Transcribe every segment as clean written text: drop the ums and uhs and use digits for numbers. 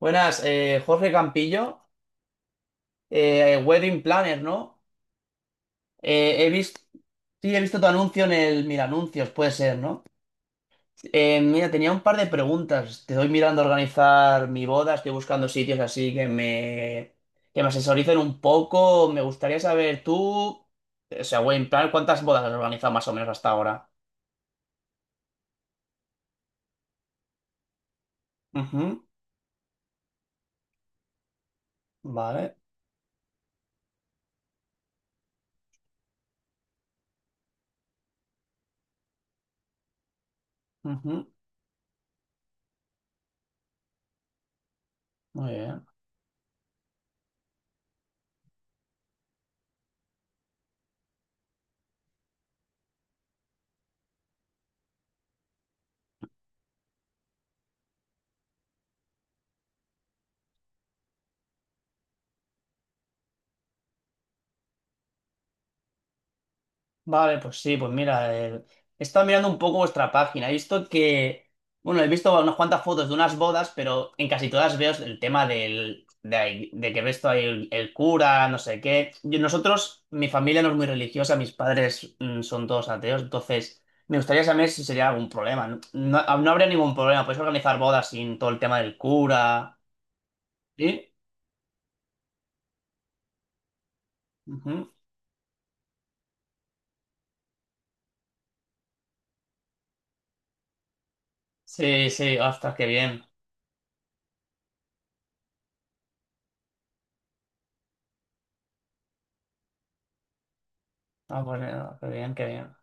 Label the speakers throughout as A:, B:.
A: Buenas, Jorge Campillo, Wedding Planner, ¿no? He visto, sí, he visto tu anuncio en el Mil Anuncios, puede ser, ¿no? Mira, tenía un par de preguntas. Te doy mirando a organizar mi boda, estoy buscando sitios así que me asesoricen un poco. Me gustaría saber tú, o sea, Wedding Planner, ¿cuántas bodas has organizado más o menos hasta ahora? Ujú, vale, ujú, muy bien. Vale, pues sí, pues mira, he estado mirando un poco vuestra página. He visto que, bueno, he visto unas cuantas fotos de unas bodas, pero en casi todas veo el tema de que ves todo ahí el cura, no sé qué. Nosotros, mi familia no es muy religiosa, mis padres son todos ateos, entonces me gustaría saber si sería algún problema. No, no, ah, no habría ningún problema, podéis organizar bodas sin todo el tema del cura. ¿Sí? Ujú. Sí, sí, ostras, qué bien. Ah, pues, qué bien, qué bien.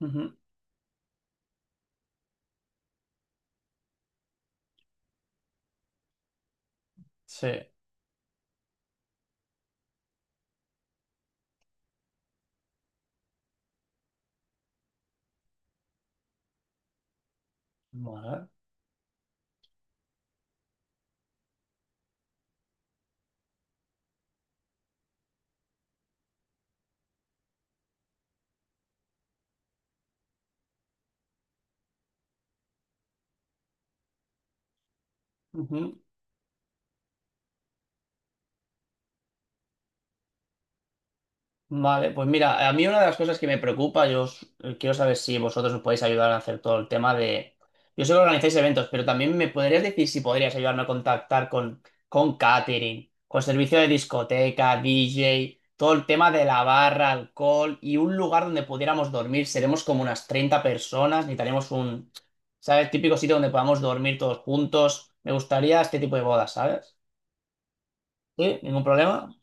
A: Ujú. Sí. Vale. Ujú. Vale, pues mira, a mí una de las cosas que me preocupa, quiero saber si vosotros me podéis ayudar a hacer todo el tema de... Yo sé que organizáis eventos, pero también me podrías decir si podrías ayudarme a contactar con catering, con servicio de discoteca, DJ, todo el tema de la barra, alcohol y un lugar donde pudiéramos dormir. Seremos como unas 30 personas, ¿sabes? Típico sitio donde podamos dormir todos juntos. Me gustaría este tipo de bodas, ¿sabes? Sí, ningún problema.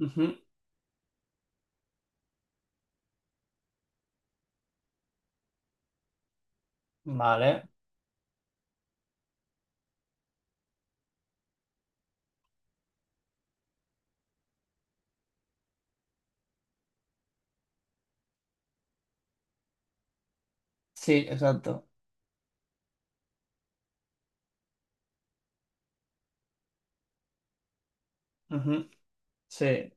A: Ujú. Vale. Sí, exacto. Ujú. Sí.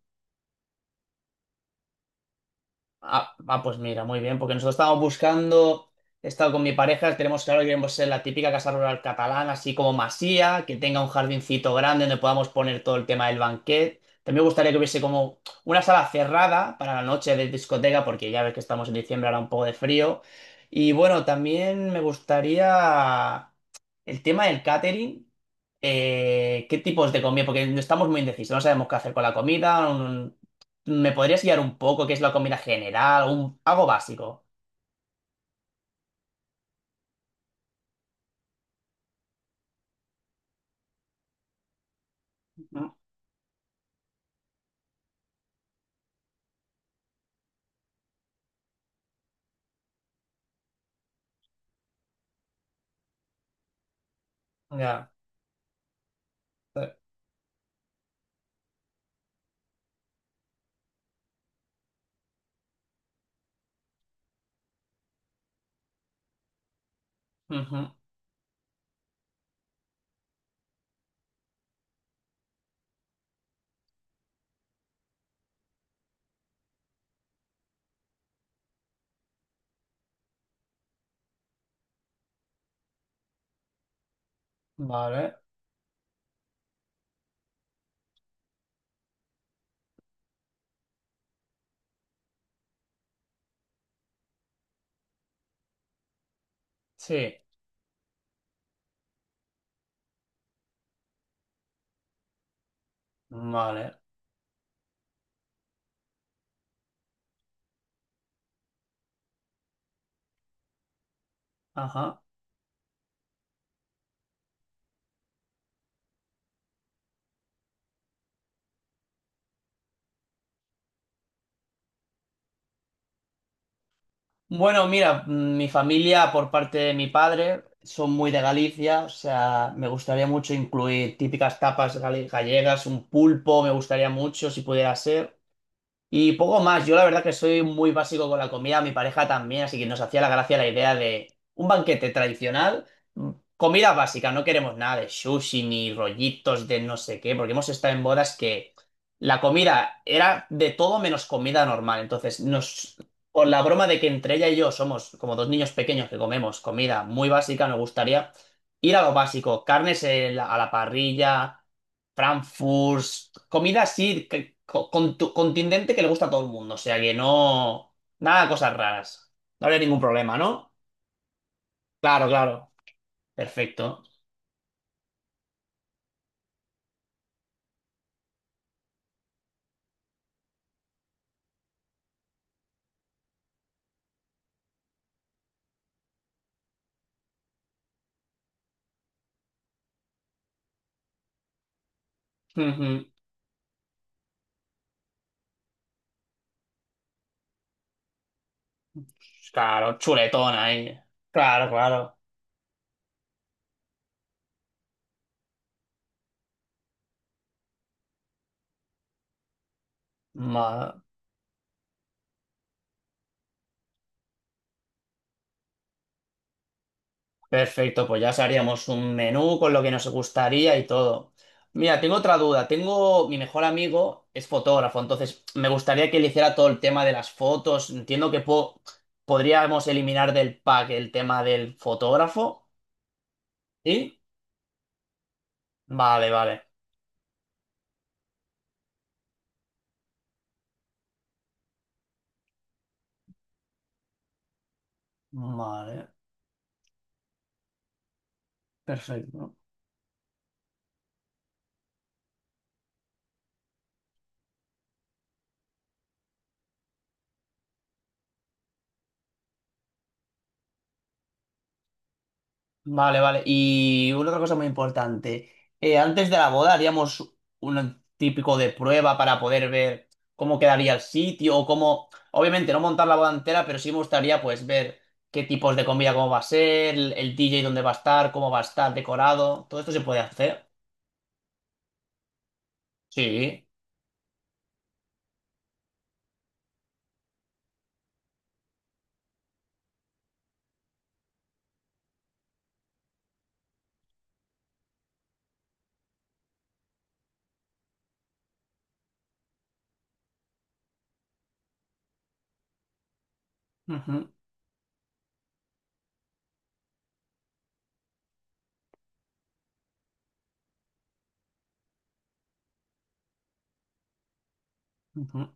A: Ah, ah, pues mira, muy bien, porque nosotros estábamos buscando, he estado con mi pareja, tenemos claro que queremos ser la típica casa rural catalana, así como masía, que tenga un jardincito grande donde podamos poner todo el tema del banquet. También me gustaría que hubiese como una sala cerrada para la noche de discoteca, porque ya ves que estamos en diciembre, hará un poco de frío. Y bueno, también me gustaría... El tema del catering, ¿qué tipos de comida? Porque no estamos muy indecisos, no sabemos qué hacer con la comida. ¿Me podrías guiar un poco qué es la comida general? Un, algo básico. Ujú. Ya. eh, ujú, Vale. Sí. Vale. Ajá. Bueno, mira, mi familia por parte de mi padre son muy de Galicia, o sea, me gustaría mucho incluir típicas gallegas, un pulpo, me gustaría mucho si pudiera ser. Y poco más, yo la verdad que soy muy básico con la comida, mi pareja también, así que nos hacía la gracia la idea de un banquete tradicional, mm, comida básica, no queremos nada de sushi ni rollitos de no sé qué, porque hemos estado en bodas que la comida era de todo menos comida normal, por la broma de que entre ella y yo somos como dos niños pequeños que comemos comida muy básica, nos gustaría ir a lo básico, a la parrilla, Frankfurt, comida así, contundente que le gusta a todo el mundo. O sea que no. Nada de cosas raras. No habría ningún problema, ¿no? Claro, claro. Perfecto. Ujú. Claro, chuletón ahí. Claro, claro. Ma- Perfecto, pues ya haríamos un menú con lo que nos gustaría y todo. Mira, tengo otra duda. Tengo, mi mejor amigo es fotógrafo, entonces me gustaría que le hiciera todo el tema de las fotos. Podríamos eliminar del pack el tema del fotógrafo. ¿Sí? Vale, vale. Vale, perfecto. Vale, vale. Y una otra cosa muy importante. Antes de la boda haríamos un típico de prueba para poder ver cómo quedaría el sitio o cómo... Obviamente no montar la boda entera, pero sí me gustaría pues ver qué tipos de comida, cómo va a ser, el DJ dónde va a estar, cómo va a estar decorado. Todo esto se puede hacer. Sí. Ujú, ujú.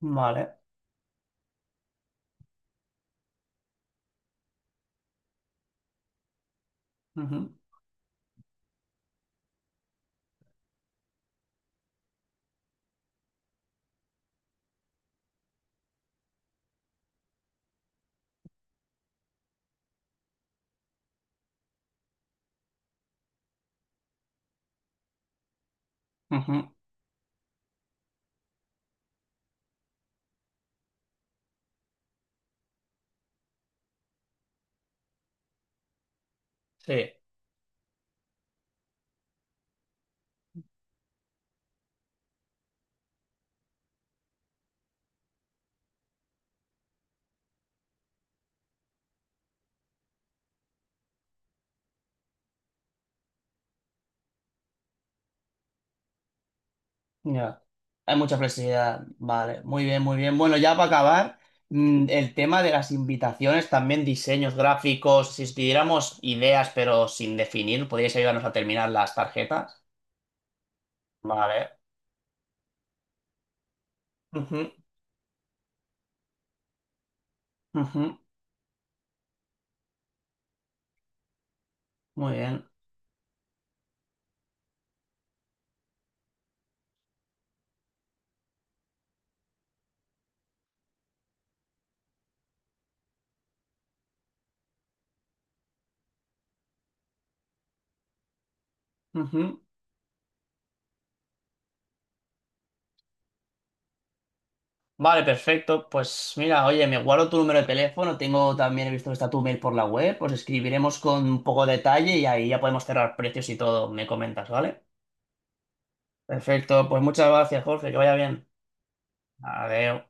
A: Vale. Ujú, ujú. Sí. Ya. Hay mucha flexibilidad. Vale, muy bien, muy bien. Bueno, ya para acabar, el tema de las invitaciones, también diseños gráficos, si os pidiéramos ideas pero sin definir, ¿podríais ayudarnos a terminar las tarjetas? Vale. Ujú, ujú. Muy bien. Ujú. Vale, perfecto. Pues mira, oye, me guardo tu número de teléfono, tengo también, he visto que está tu mail por la web, os escribiremos con un poco de detalle y ahí ya podemos cerrar precios y todo, me comentas, ¿vale? Perfecto, pues muchas gracias, Jorge, que vaya bien. Adiós.